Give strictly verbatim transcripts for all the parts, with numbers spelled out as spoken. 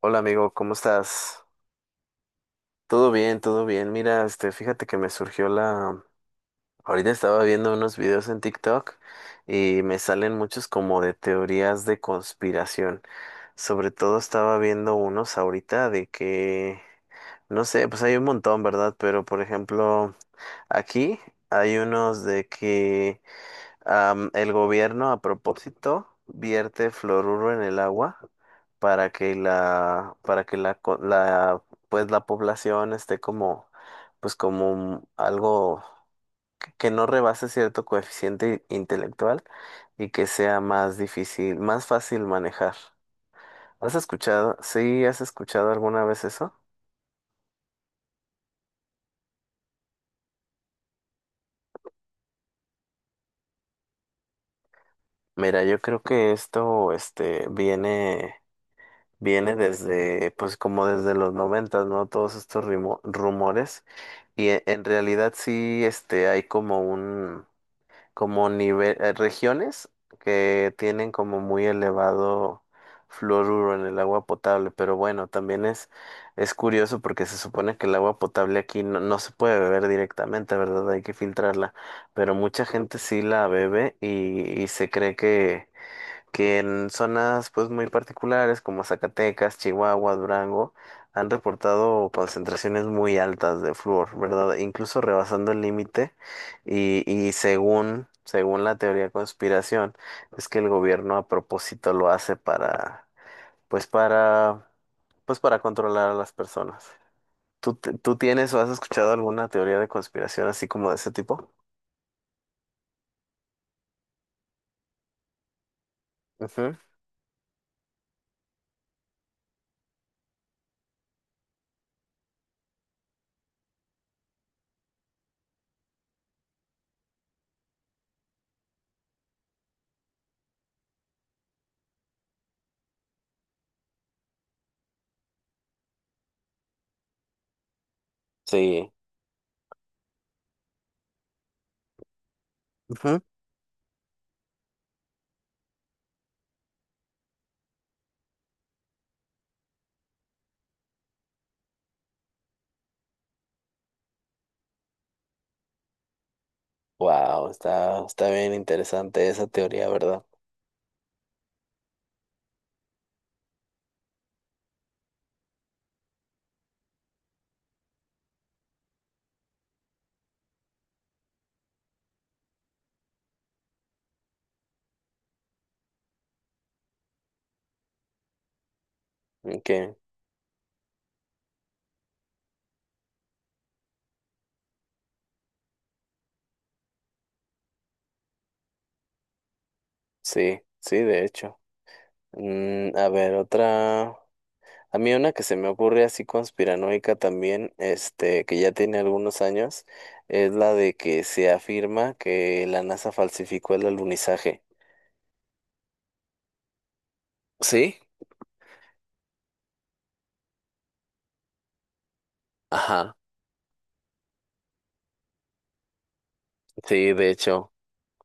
Hola amigo, ¿cómo estás? Todo bien, todo bien. Mira, este, fíjate que me surgió la... Ahorita estaba viendo unos videos en TikTok y me salen muchos como de teorías de conspiración. Sobre todo estaba viendo unos ahorita de que, no sé, pues hay un montón, ¿verdad? Pero por ejemplo, aquí hay unos de que Am, el gobierno, a propósito, vierte fluoruro en el agua para que la, para que la, co- la, pues la población esté como, pues como un- algo que que no rebase cierto coeficiente intelectual y que sea más difícil, más fácil manejar. ¿Has escuchado? ¿Sí has escuchado alguna vez eso? Mira, yo creo que esto, este, viene, viene desde, pues como desde los noventas, ¿no? Todos estos rimo- rumores. Y e- en realidad sí, este, hay como un, como nivel, eh, regiones que tienen como muy elevado fluoruro en el agua potable, pero bueno, también es, es curioso porque se supone que el agua potable aquí no, no se puede beber directamente, ¿verdad? Hay que filtrarla, pero mucha gente sí la bebe y, y se cree que que en zonas pues muy particulares como Zacatecas, Chihuahua, Durango, han reportado concentraciones muy altas de flúor, ¿verdad? Incluso rebasando el límite y, y según, según la teoría de conspiración, es que el gobierno a propósito lo hace para, pues para, pues para controlar a las personas. ¿Tú, te- ¿tú tienes o has escuchado alguna teoría de conspiración así como de ese tipo? Ujú. Sí. Wow, está, está bien interesante esa teoría, ¿verdad? Que sí, sí, de hecho. Mm, a ver, otra. A mí una que se me ocurre así conspiranoica también, este, que ya tiene algunos años, es la de que se afirma que la N A S A falsificó el alunizaje. ¿Sí? Ajá. Sí, de hecho.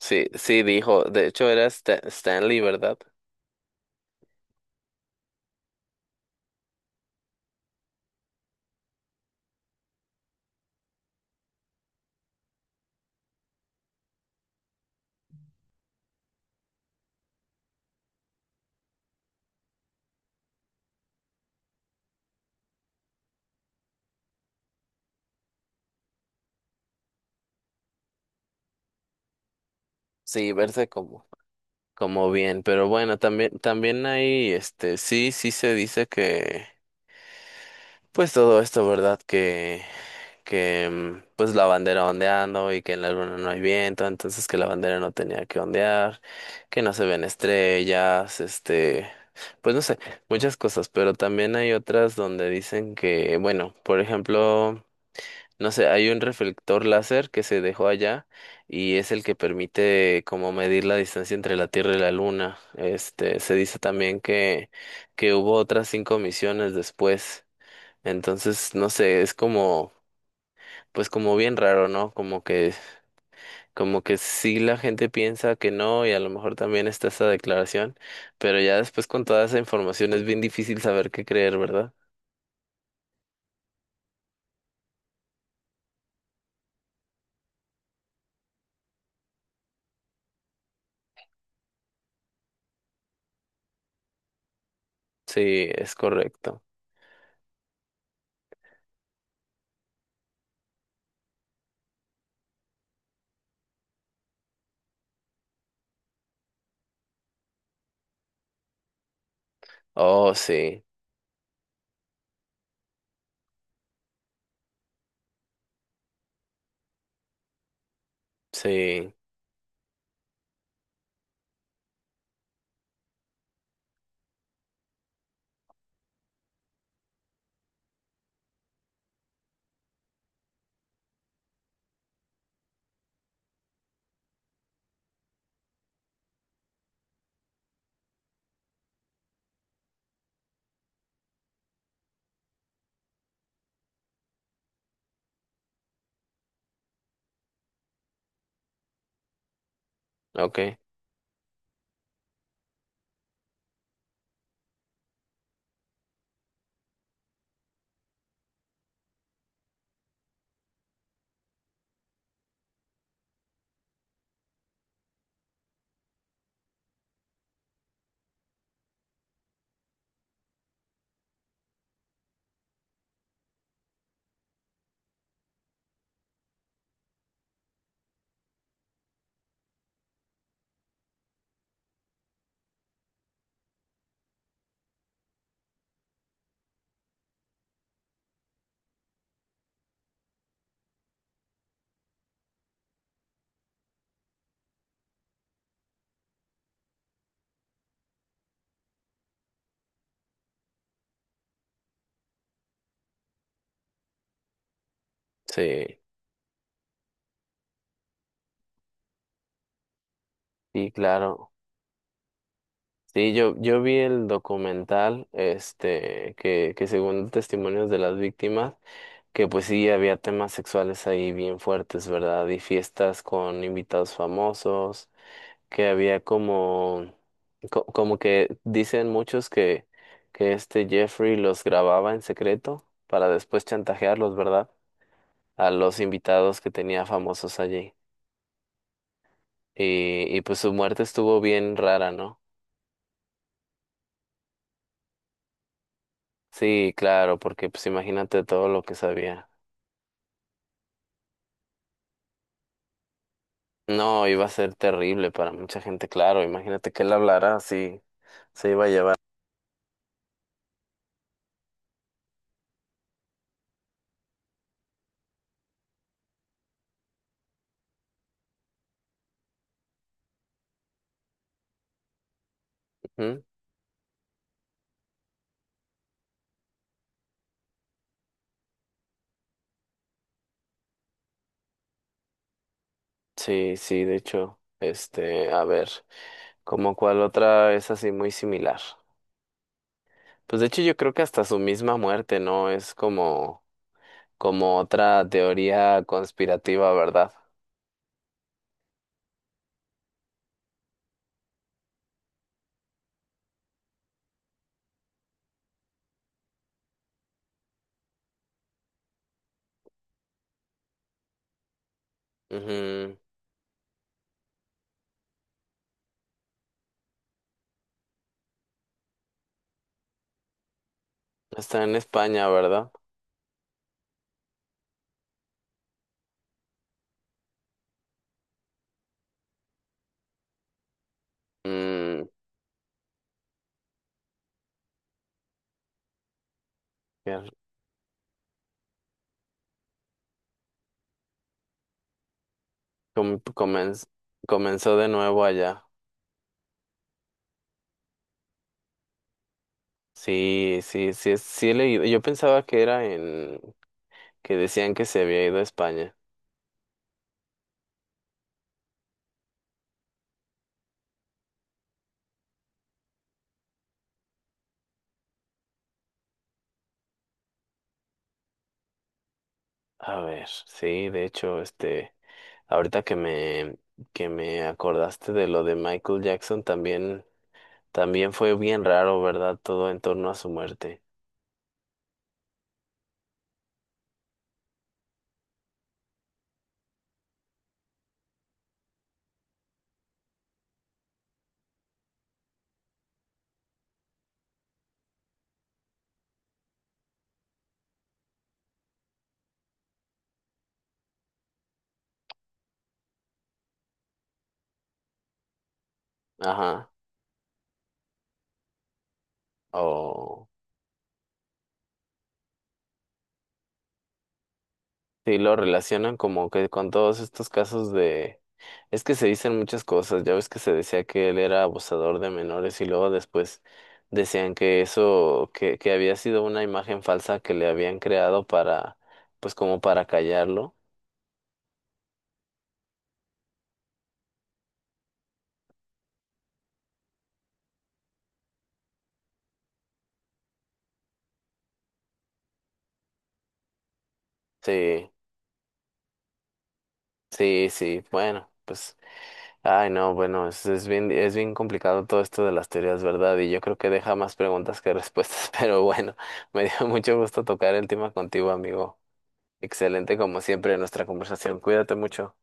Sí, sí, dijo. De hecho, era Stan- Stanley, ¿verdad? Sí, verse como, como bien. Pero bueno, también, también hay, este, sí, sí se dice que pues todo esto, ¿verdad? Que, que mm, pues la bandera ondeando y que en la luna no hay viento, entonces que la bandera no tenía que ondear, que no se ven estrellas, este, pues no sé, muchas cosas, pero también hay otras donde dicen que, bueno, por ejemplo, no sé, hay un reflector láser que se dejó allá y es el que permite como medir la distancia entre la Tierra y la Luna. Este, se dice también que, que hubo otras cinco misiones después. Entonces, no sé, es como, pues como bien raro, ¿no? Como que, como que sí la gente piensa que no y a lo mejor también está esa declaración, pero ya después con toda esa información es bien difícil saber qué creer, ¿verdad? Sí, es correcto. Oh, sí, sí, okay, sí, sí, claro. Sí, yo, yo vi el documental, este, que, que según testimonios de las víctimas, que pues sí, había temas sexuales ahí bien fuertes, ¿verdad? Y fiestas con invitados famosos, que había como, co- como que dicen muchos que, que este Jeffrey los grababa en secreto para después chantajearlos, ¿verdad? A los invitados que tenía famosos allí. Y, y pues su muerte estuvo bien rara, ¿no? Sí, claro, porque pues imagínate todo lo que sabía. No, iba a ser terrible para mucha gente, claro. Imagínate que él hablara así, se iba a llevar. Ujú. Sí, sí, de hecho, este, a ver, como cuál otra es así muy similar. Pues de hecho yo creo que hasta su misma muerte, ¿no? Es como, como otra teoría conspirativa, ¿verdad? Ujú. ¿Está en España, ¿verdad? Mm, ya, com- comenz- comenzó de nuevo allá. Sí, sí, sí, es- sí he leído. Yo pensaba que era en, que decían que se había ido a España. A ver, sí, de hecho, este. Ahorita que me, que me acordaste de lo de Michael Jackson, también, también fue bien raro, ¿verdad? Todo en torno a su muerte. Ajá. O sí, lo relacionan como que con todos estos casos de... Es que se dicen muchas cosas. Ya ves que se decía que él era abusador de menores y luego después decían que eso, que, que había sido una imagen falsa que le habían creado para, pues como para callarlo. Sí, sí, sí. Bueno, pues. Ay, no, bueno, es, es bien, es bien complicado todo esto de las teorías, ¿verdad? Y yo creo que deja más preguntas que respuestas, pero bueno, me dio mucho gusto tocar el tema contigo, amigo. Excelente como siempre nuestra conversación. Cuídate mucho.